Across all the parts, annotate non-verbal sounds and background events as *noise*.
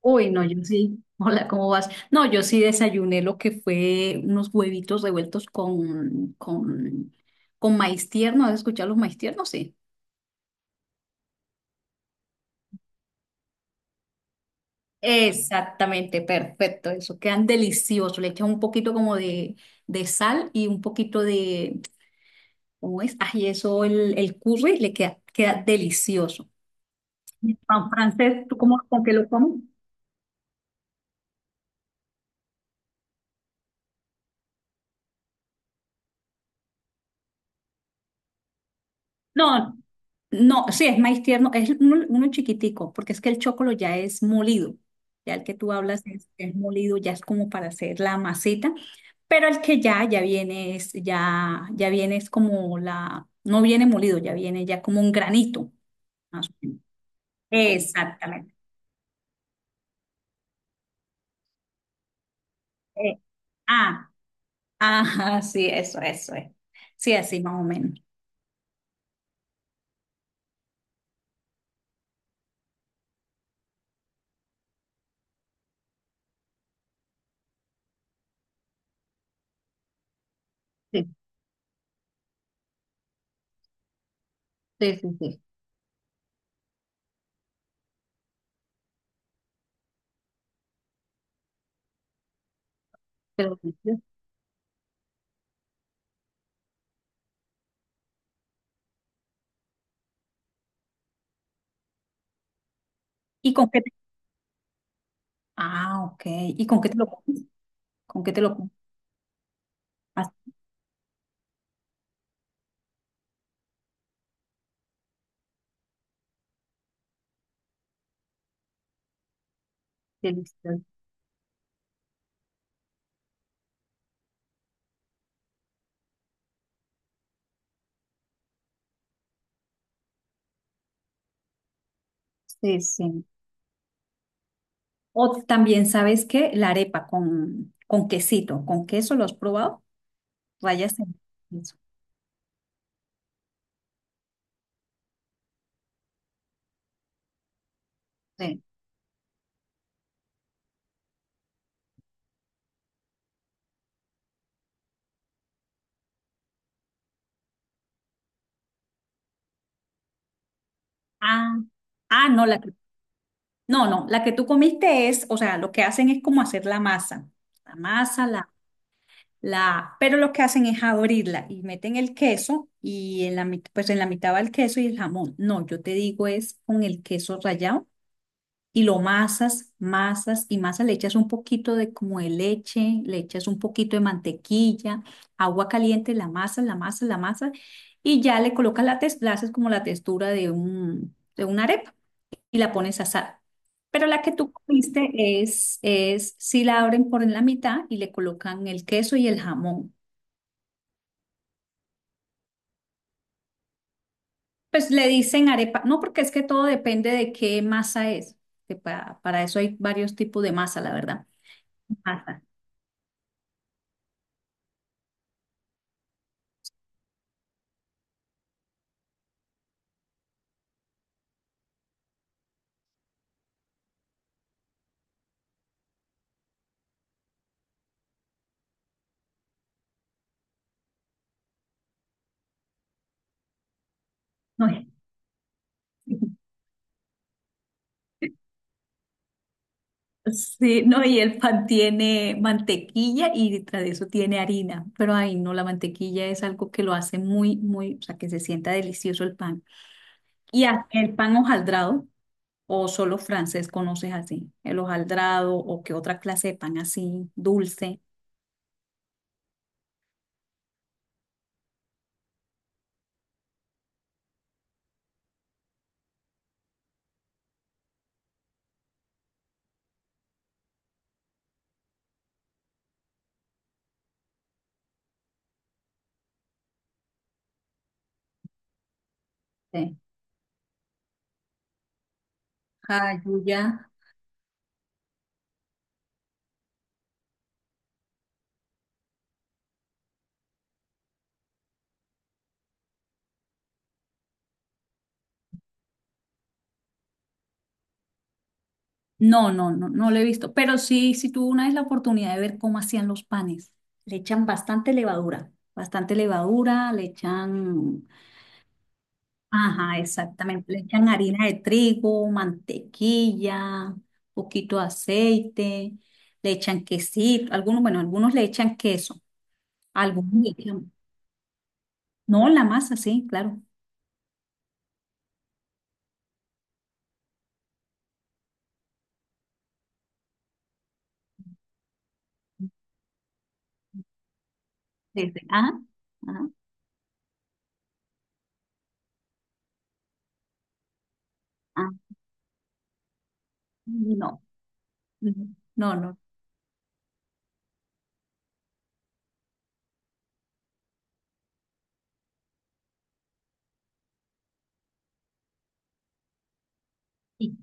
Uy, no, yo sí. *laughs* Hola, ¿cómo vas? No, yo sí desayuné lo que fue unos huevitos revueltos con maíz tierno. ¿Has escuchado los maíz tiernos? Sí. Exactamente, perfecto. Eso quedan deliciosos. Le echan un poquito como de sal y un poquito ¿cómo es? Ay, eso, el curry le queda delicioso. ¿Y pan francés, tú cómo, con qué lo comes? No, no, sí, es maíz tierno, es uno chiquitico, porque es que el chocolo ya es molido. Ya el que tú hablas es molido, ya es como para hacer la masita, pero el que ya viene ya viene es como no viene molido, viene ya como un granito. Más o menos. Exactamente. Eh, ah, ajá, sí, eso es. Sí, así más o menos. Sí, sí, sí, sí. Pero- ¿y con qué te- Ah, ok. ¿Y con qué te lo comes? ¿Con qué te lo comes? Ah, delicioso. Sí, sí. O también, ¿sabes qué? La arepa con quesito, con queso, ¿lo has probado? Rayas en queso. Sí. Ah, ah, no, la que, no, no, la que tú comiste es, o sea, lo que hacen es como hacer la masa, la masa, la, pero lo que hacen es abrirla y meten el queso y en pues en la mitad va el queso y el jamón. No, yo te digo es con el queso rallado y lo masas, le echas un poquito de como de leche, le echas un poquito de mantequilla, agua caliente, la masa, y ya le colocas la textura, la haces como la textura de de una arepa y la pones a asar. Pero la que tú comiste es, si la abren por en la mitad y le colocan el queso y el jamón. Pues le dicen arepa, no, porque es que todo depende de qué masa es. Para eso hay varios tipos de masa, la verdad. Masa. No, es. Sí, no, y el pan tiene mantequilla y detrás de eso tiene harina, pero ahí no, la mantequilla es algo que lo hace muy, o sea, que se sienta delicioso el pan. El pan hojaldrado, o solo francés conoces así, el hojaldrado o qué otra clase de pan así, dulce. Sí. Hallyu ya. No, no, no, no lo he visto, pero sí, sí tuve una vez la oportunidad de ver cómo hacían los panes. Le echan bastante levadura, le echan. Ajá, exactamente. Le echan harina de trigo, mantequilla, poquito de aceite, le echan quesito, algunos, bueno, algunos le echan queso, algunos le echan, no, la masa, sí, claro. Desde, ah, ah, ah, no, no, no. ¿Y,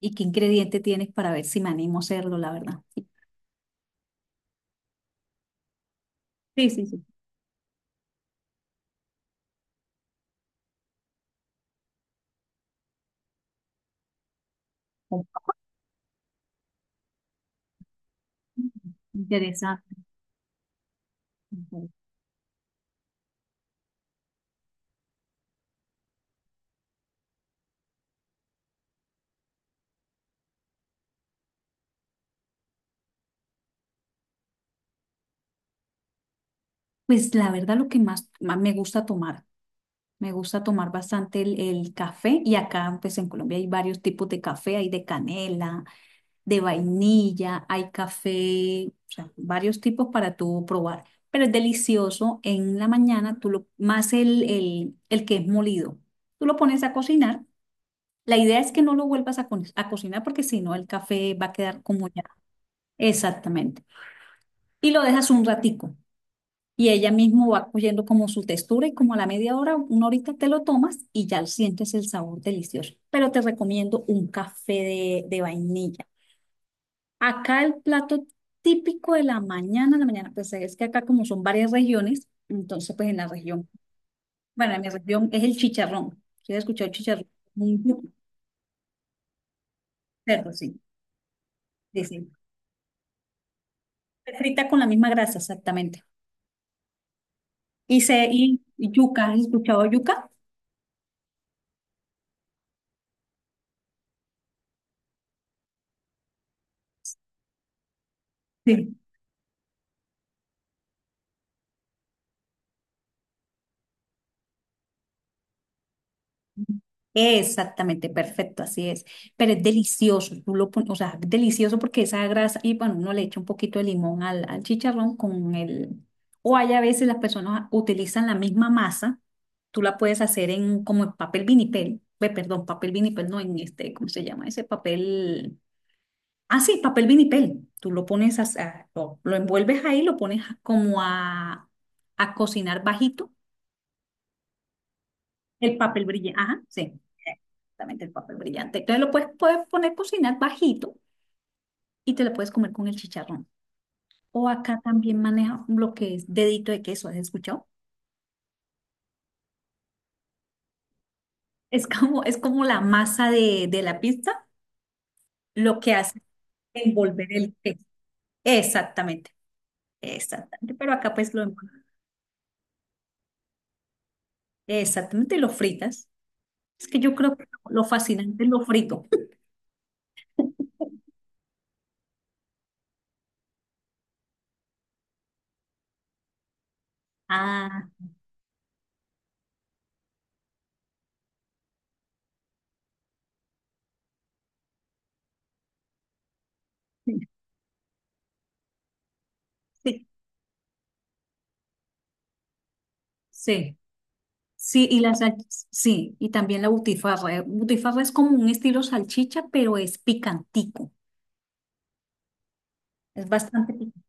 y qué ingrediente tienes para ver si me animo a hacerlo, la verdad? Sí, sí, sí. Con pan. *laughs* Interesante. Pues la verdad lo que más me gusta tomar. Me gusta tomar bastante el café y acá pues en Colombia hay varios tipos de café, hay de canela, de vainilla, hay café, o sea, varios tipos para tú probar. Pero es delicioso en la mañana, tú lo, más el que es molido. Tú lo pones a cocinar. La idea es que no lo vuelvas a cocinar porque si no el café va a quedar como ya. Exactamente. Y lo dejas un ratico. Y ella mismo va cogiendo como su textura y como a la media hora, una horita te lo tomas y ya sientes el sabor delicioso. Pero te recomiendo un café de vainilla. Acá el plato típico de la mañana, pues es que acá como son varias regiones, entonces pues en la región, bueno, en mi región es el chicharrón. ¿Sí has escuchado el chicharrón? Un cerdo, sí. Sí, sí. Frita con la misma grasa, exactamente. Y yuca, ¿has escuchado yuca? Sí. Exactamente, perfecto, así es. Pero es delicioso, o sea, es delicioso porque esa grasa, y bueno, uno le echa un poquito de limón al chicharrón con el, o hay a veces las personas utilizan la misma masa, tú la puedes hacer en como en papel vinipel, ve, perdón, papel vinipel, no en este, ¿cómo se llama ese papel? Ah, sí, papel vinipel, tú lo pones, lo envuelves ahí, lo pones como a cocinar bajito el papel brillante, ajá, sí, exactamente el papel brillante. Entonces puedes poner a cocinar bajito y te lo puedes comer con el chicharrón. O acá también maneja lo que es dedito de queso, ¿has escuchado? Es como la masa de la pizza, lo que hace es envolver el queso. Exactamente, exactamente. Pero acá pues lo envuelves. Exactamente, y lo fritas. Es que yo creo que lo fascinante es lo frito. *laughs* Ah, sí, sí. Sí. Sí, y la sal- sí, y también la butifarra. Butifarra es como un estilo salchicha, pero es picantico. Es bastante picante.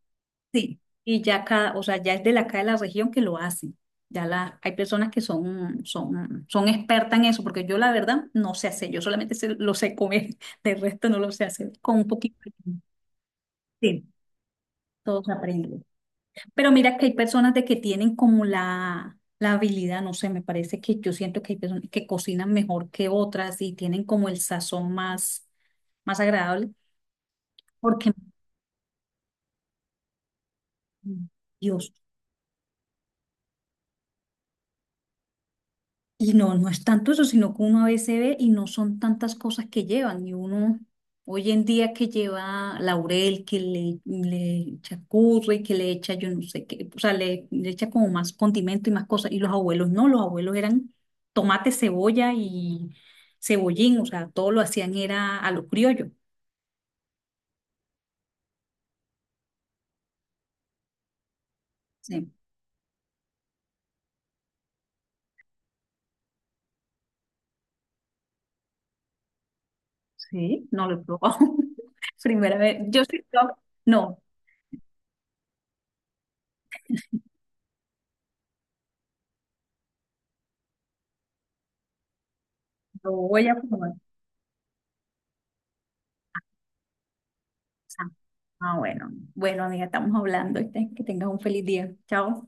Sí. Y ya cada, o sea, ya es de la acá de la región que lo hacen. Ya la, hay personas que son expertas en eso, porque yo la verdad no sé hacer, yo lo sé comer, *laughs* del resto no lo sé hacer, con un poquito de... Sí, todo se aprende. Pero mira que hay personas de que tienen como la habilidad, no sé, me parece que yo siento que hay personas que cocinan mejor que otras y tienen como el sazón más, más agradable, porque mm, Dios. Y no, no es tanto eso, sino que uno a veces ve y no son tantas cosas que llevan. Y uno hoy en día que lleva laurel, le echa curry, que le echa yo no sé qué, o sea, le echa como más condimento y más cosas. Y los abuelos no, los abuelos eran tomate, cebolla y cebollín, o sea, todo lo hacían era a lo criollo. Sí, sí, no lo he probado. *laughs* Primera vez. Yo sí, yo- no, lo voy a probar. Ah, bueno. Bueno, amiga, estamos hablando. ¿Viste? Que tengas un feliz día. Chao.